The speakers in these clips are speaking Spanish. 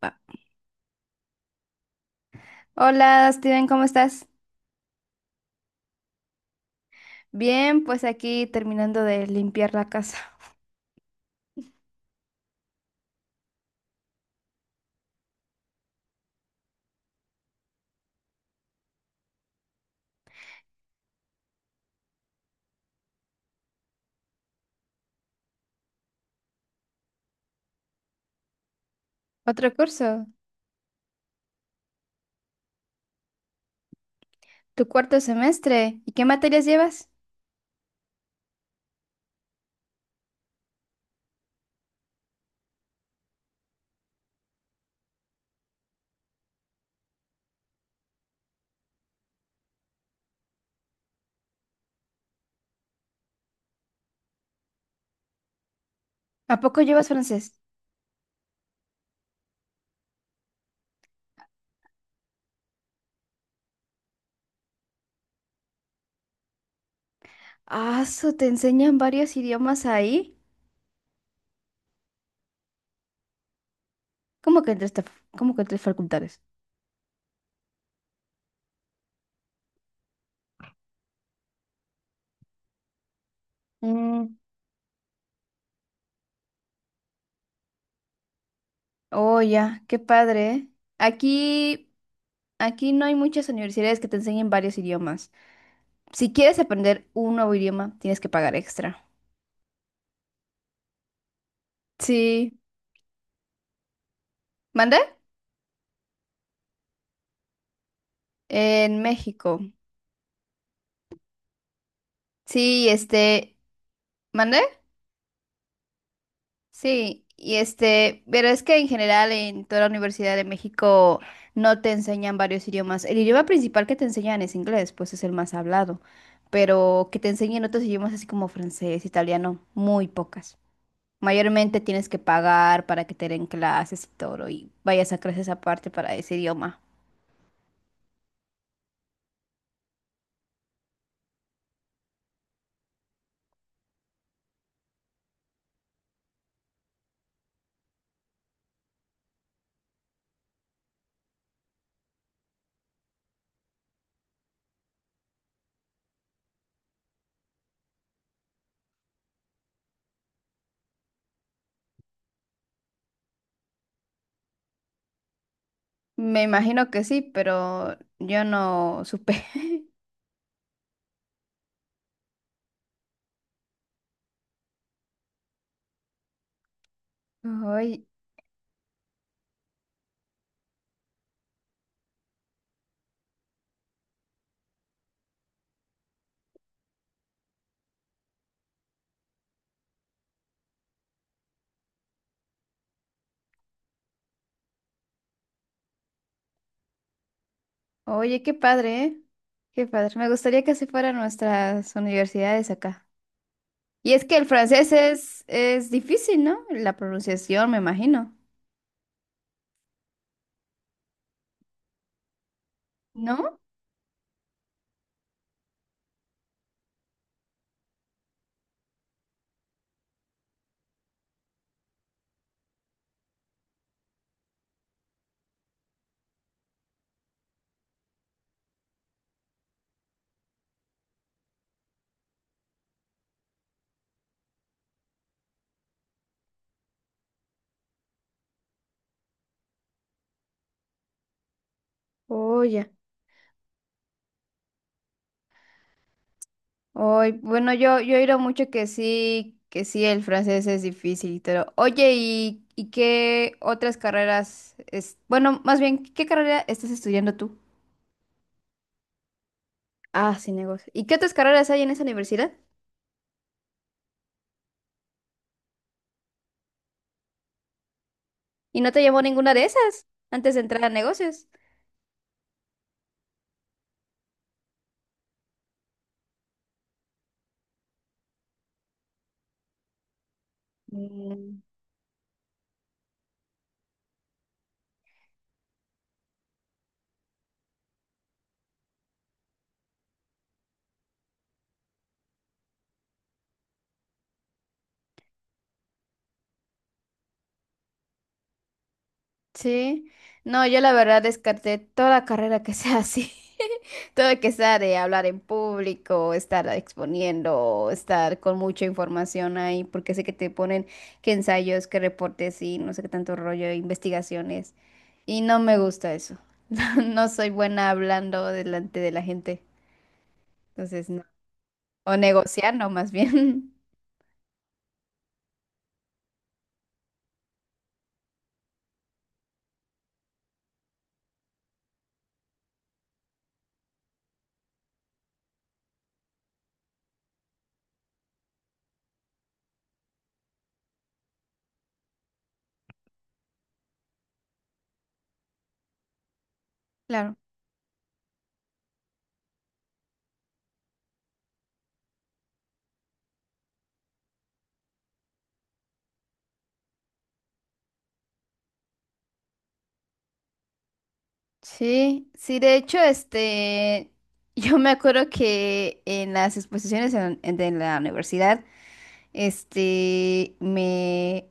Va. Hola, Steven, ¿cómo estás? Bien, pues aquí terminando de limpiar la casa. Otro curso, tu cuarto semestre. ¿Y qué materias llevas? ¿A poco llevas francés? Ah, su, ¿te enseñan varios idiomas ahí? ¿Cómo que en tres, cómo que en tres facultades? Mm. Oh, ya, qué padre, ¿eh? Aquí, Aquí no hay muchas universidades que te enseñen varios idiomas. Si quieres aprender un nuevo idioma, tienes que pagar extra. Sí. ¿Mande? En México. Sí, ¿mande? Sí, y este, pero es que en general en toda la Universidad de México no te enseñan varios idiomas. El idioma principal que te enseñan es inglés, pues es el más hablado, pero que te enseñen otros idiomas así como francés, italiano, muy pocas. Mayormente tienes que pagar para que te den clases y todo, y vayas a clases aparte para ese idioma. Me imagino que sí, pero yo no supe. Ay. Oye, qué padre, ¿eh? Qué padre. Me gustaría que así fueran nuestras universidades acá. Y es que el francés es difícil, ¿no? La pronunciación, me imagino. ¿No? Oye. Oye, bueno, yo he oído mucho que sí, el francés es difícil, pero oye, ¿ y qué otras carreras es? Bueno, más bien, ¿qué carrera estás estudiando tú? Ah, sí, negocios. ¿Y qué otras carreras hay en esa universidad? ¿Y no te llamó ninguna de esas antes de entrar a negocios? Mm. Sí, no, yo la verdad descarté toda carrera que sea así, todo que sea de hablar en público, estar exponiendo, o estar con mucha información ahí, porque sé que te ponen que ensayos, que reportes y no sé qué tanto rollo, investigaciones, y no me gusta eso. No soy buena hablando delante de la gente, entonces no. O negociando más bien. Claro. Sí, sí, de hecho, yo me acuerdo que en las exposiciones de la universidad, este, me,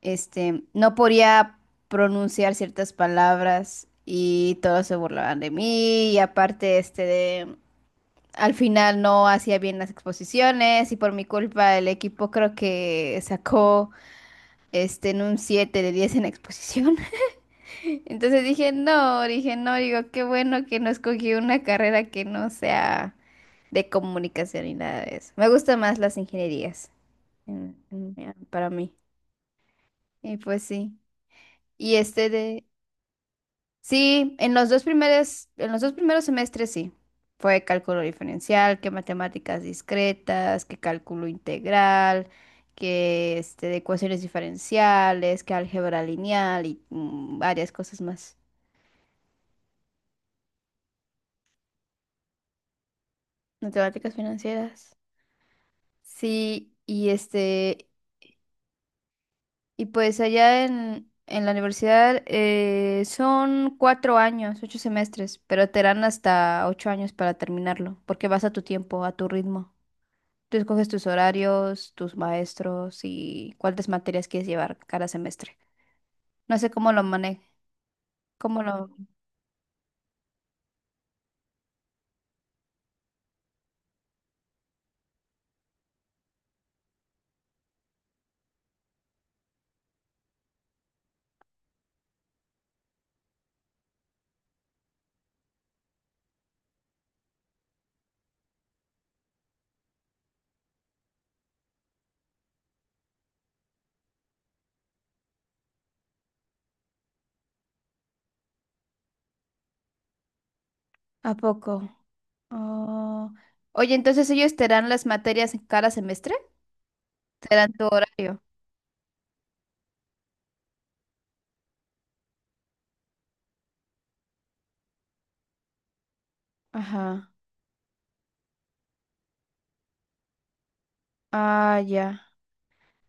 no podía pronunciar ciertas palabras y todos se burlaban de mí y aparte, al final no hacía bien las exposiciones y por mi culpa el equipo creo que sacó, en un 7 de 10 en la exposición. Entonces dije, no, digo, qué bueno que no escogí una carrera que no sea de comunicación y nada de eso. Me gustan más las ingenierías para mí. Y pues sí. Y este de... Sí, en los dos primeros, en los dos primeros semestres sí. Fue cálculo diferencial, que matemáticas discretas, que cálculo integral, que este, de ecuaciones diferenciales, que álgebra lineal y mm, varias cosas más. Matemáticas financieras. Sí, y este, y pues allá en la universidad son 4 años, 8 semestres, pero te dan hasta 8 años para terminarlo, porque vas a tu tiempo, a tu ritmo. Tú escoges tus horarios, tus maestros y cuántas materias quieres llevar cada semestre. No sé cómo lo manejo, cómo lo... ¿A poco? Oh. Oye, entonces ellos te dan las materias en cada semestre, te dan tu horario. Ajá. Ah, ya.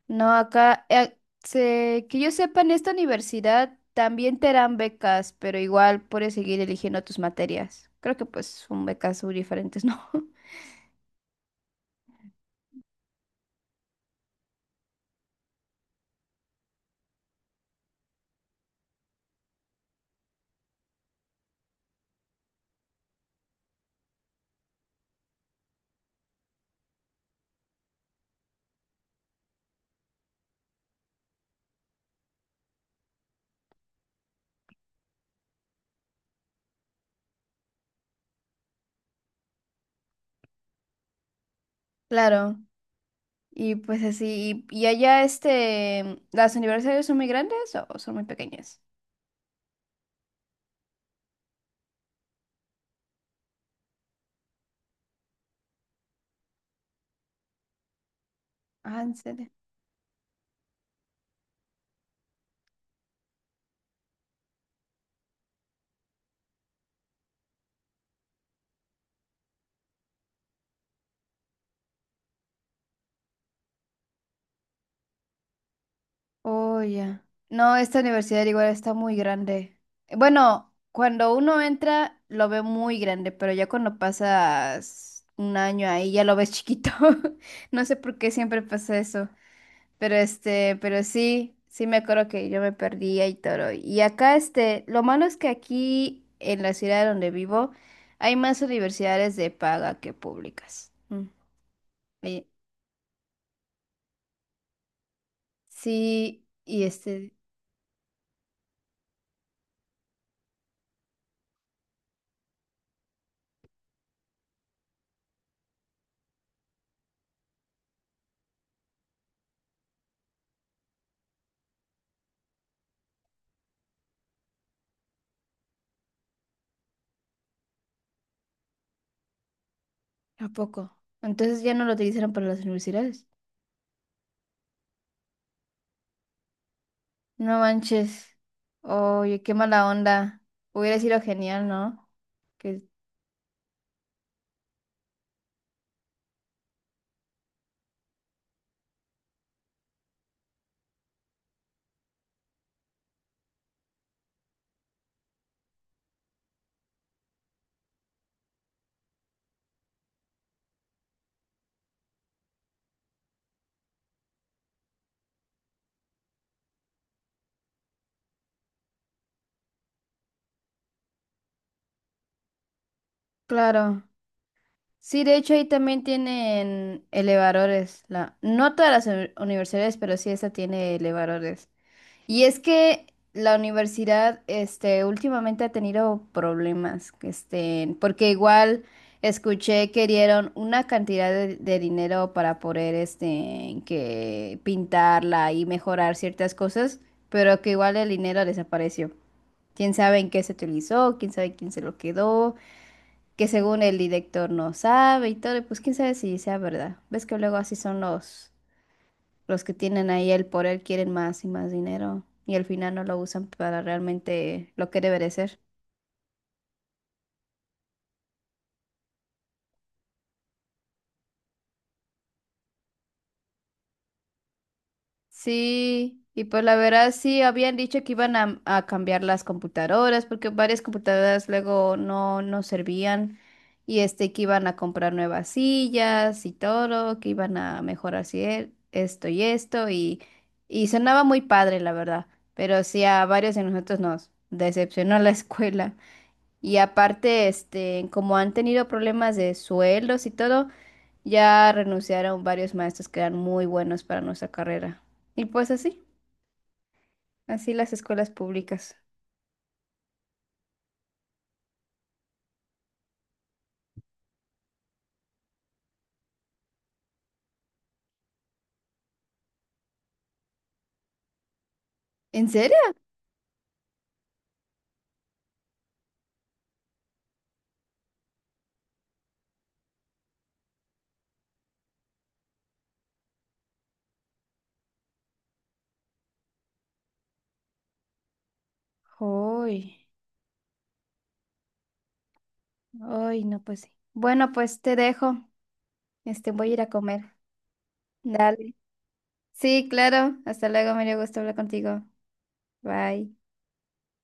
No, acá, que yo sepa, en esta universidad también te dan becas, pero igual puedes seguir eligiendo tus materias. Creo que pues son becas muy diferentes, ¿no? Claro, y pues así, y allá este, ¿las universidades son muy grandes o son muy pequeñas? Ah, ¿en serio? Oh, ya. No, esta universidad igual está muy grande. Bueno, cuando uno entra lo ve muy grande, pero ya cuando pasas un año ahí ya lo ves chiquito. No sé por qué siempre pasa eso. Pero este, pero sí, sí me acuerdo que yo me perdía y todo. Y acá este, lo malo es que aquí en la ciudad donde vivo hay más universidades de paga que públicas. Mm. Y- Sí, y este. ¿A poco? Entonces ya no lo utilizaron para las universidades. No manches. Oye, qué mala onda. Hubiera sido genial, ¿no? Que, claro. Sí, de hecho ahí también tienen elevadores. No todas las universidades, pero sí esta tiene elevadores. Y es que la universidad, este, últimamente ha tenido problemas, este, porque igual escuché que dieron una cantidad de dinero para poder, este, que pintarla y mejorar ciertas cosas, pero que igual el dinero desapareció. Quién sabe en qué se utilizó, quién sabe quién se lo quedó, que según el director no sabe y todo, y pues quién sabe si sea verdad. Ves que luego así son los que tienen ahí el poder quieren más y más dinero y al final no lo usan para realmente lo que debe de ser. Sí, y pues la verdad sí habían dicho que iban a cambiar las computadoras porque varias computadoras luego no servían y este que iban a comprar nuevas sillas y todo, que iban a mejorar esto y esto y sonaba muy padre la verdad, pero sí a varios de nosotros nos decepcionó la escuela. Y aparte, este, como han tenido problemas de sueldos y todo, ya renunciaron varios maestros que eran muy buenos para nuestra carrera. Y pues así, así las escuelas públicas. ¿En serio? Uy, uy, no, pues sí. Bueno, pues te dejo. Este, voy a ir a comer. Dale. Sí, claro. Hasta luego, me dio gusto hablar contigo. Bye.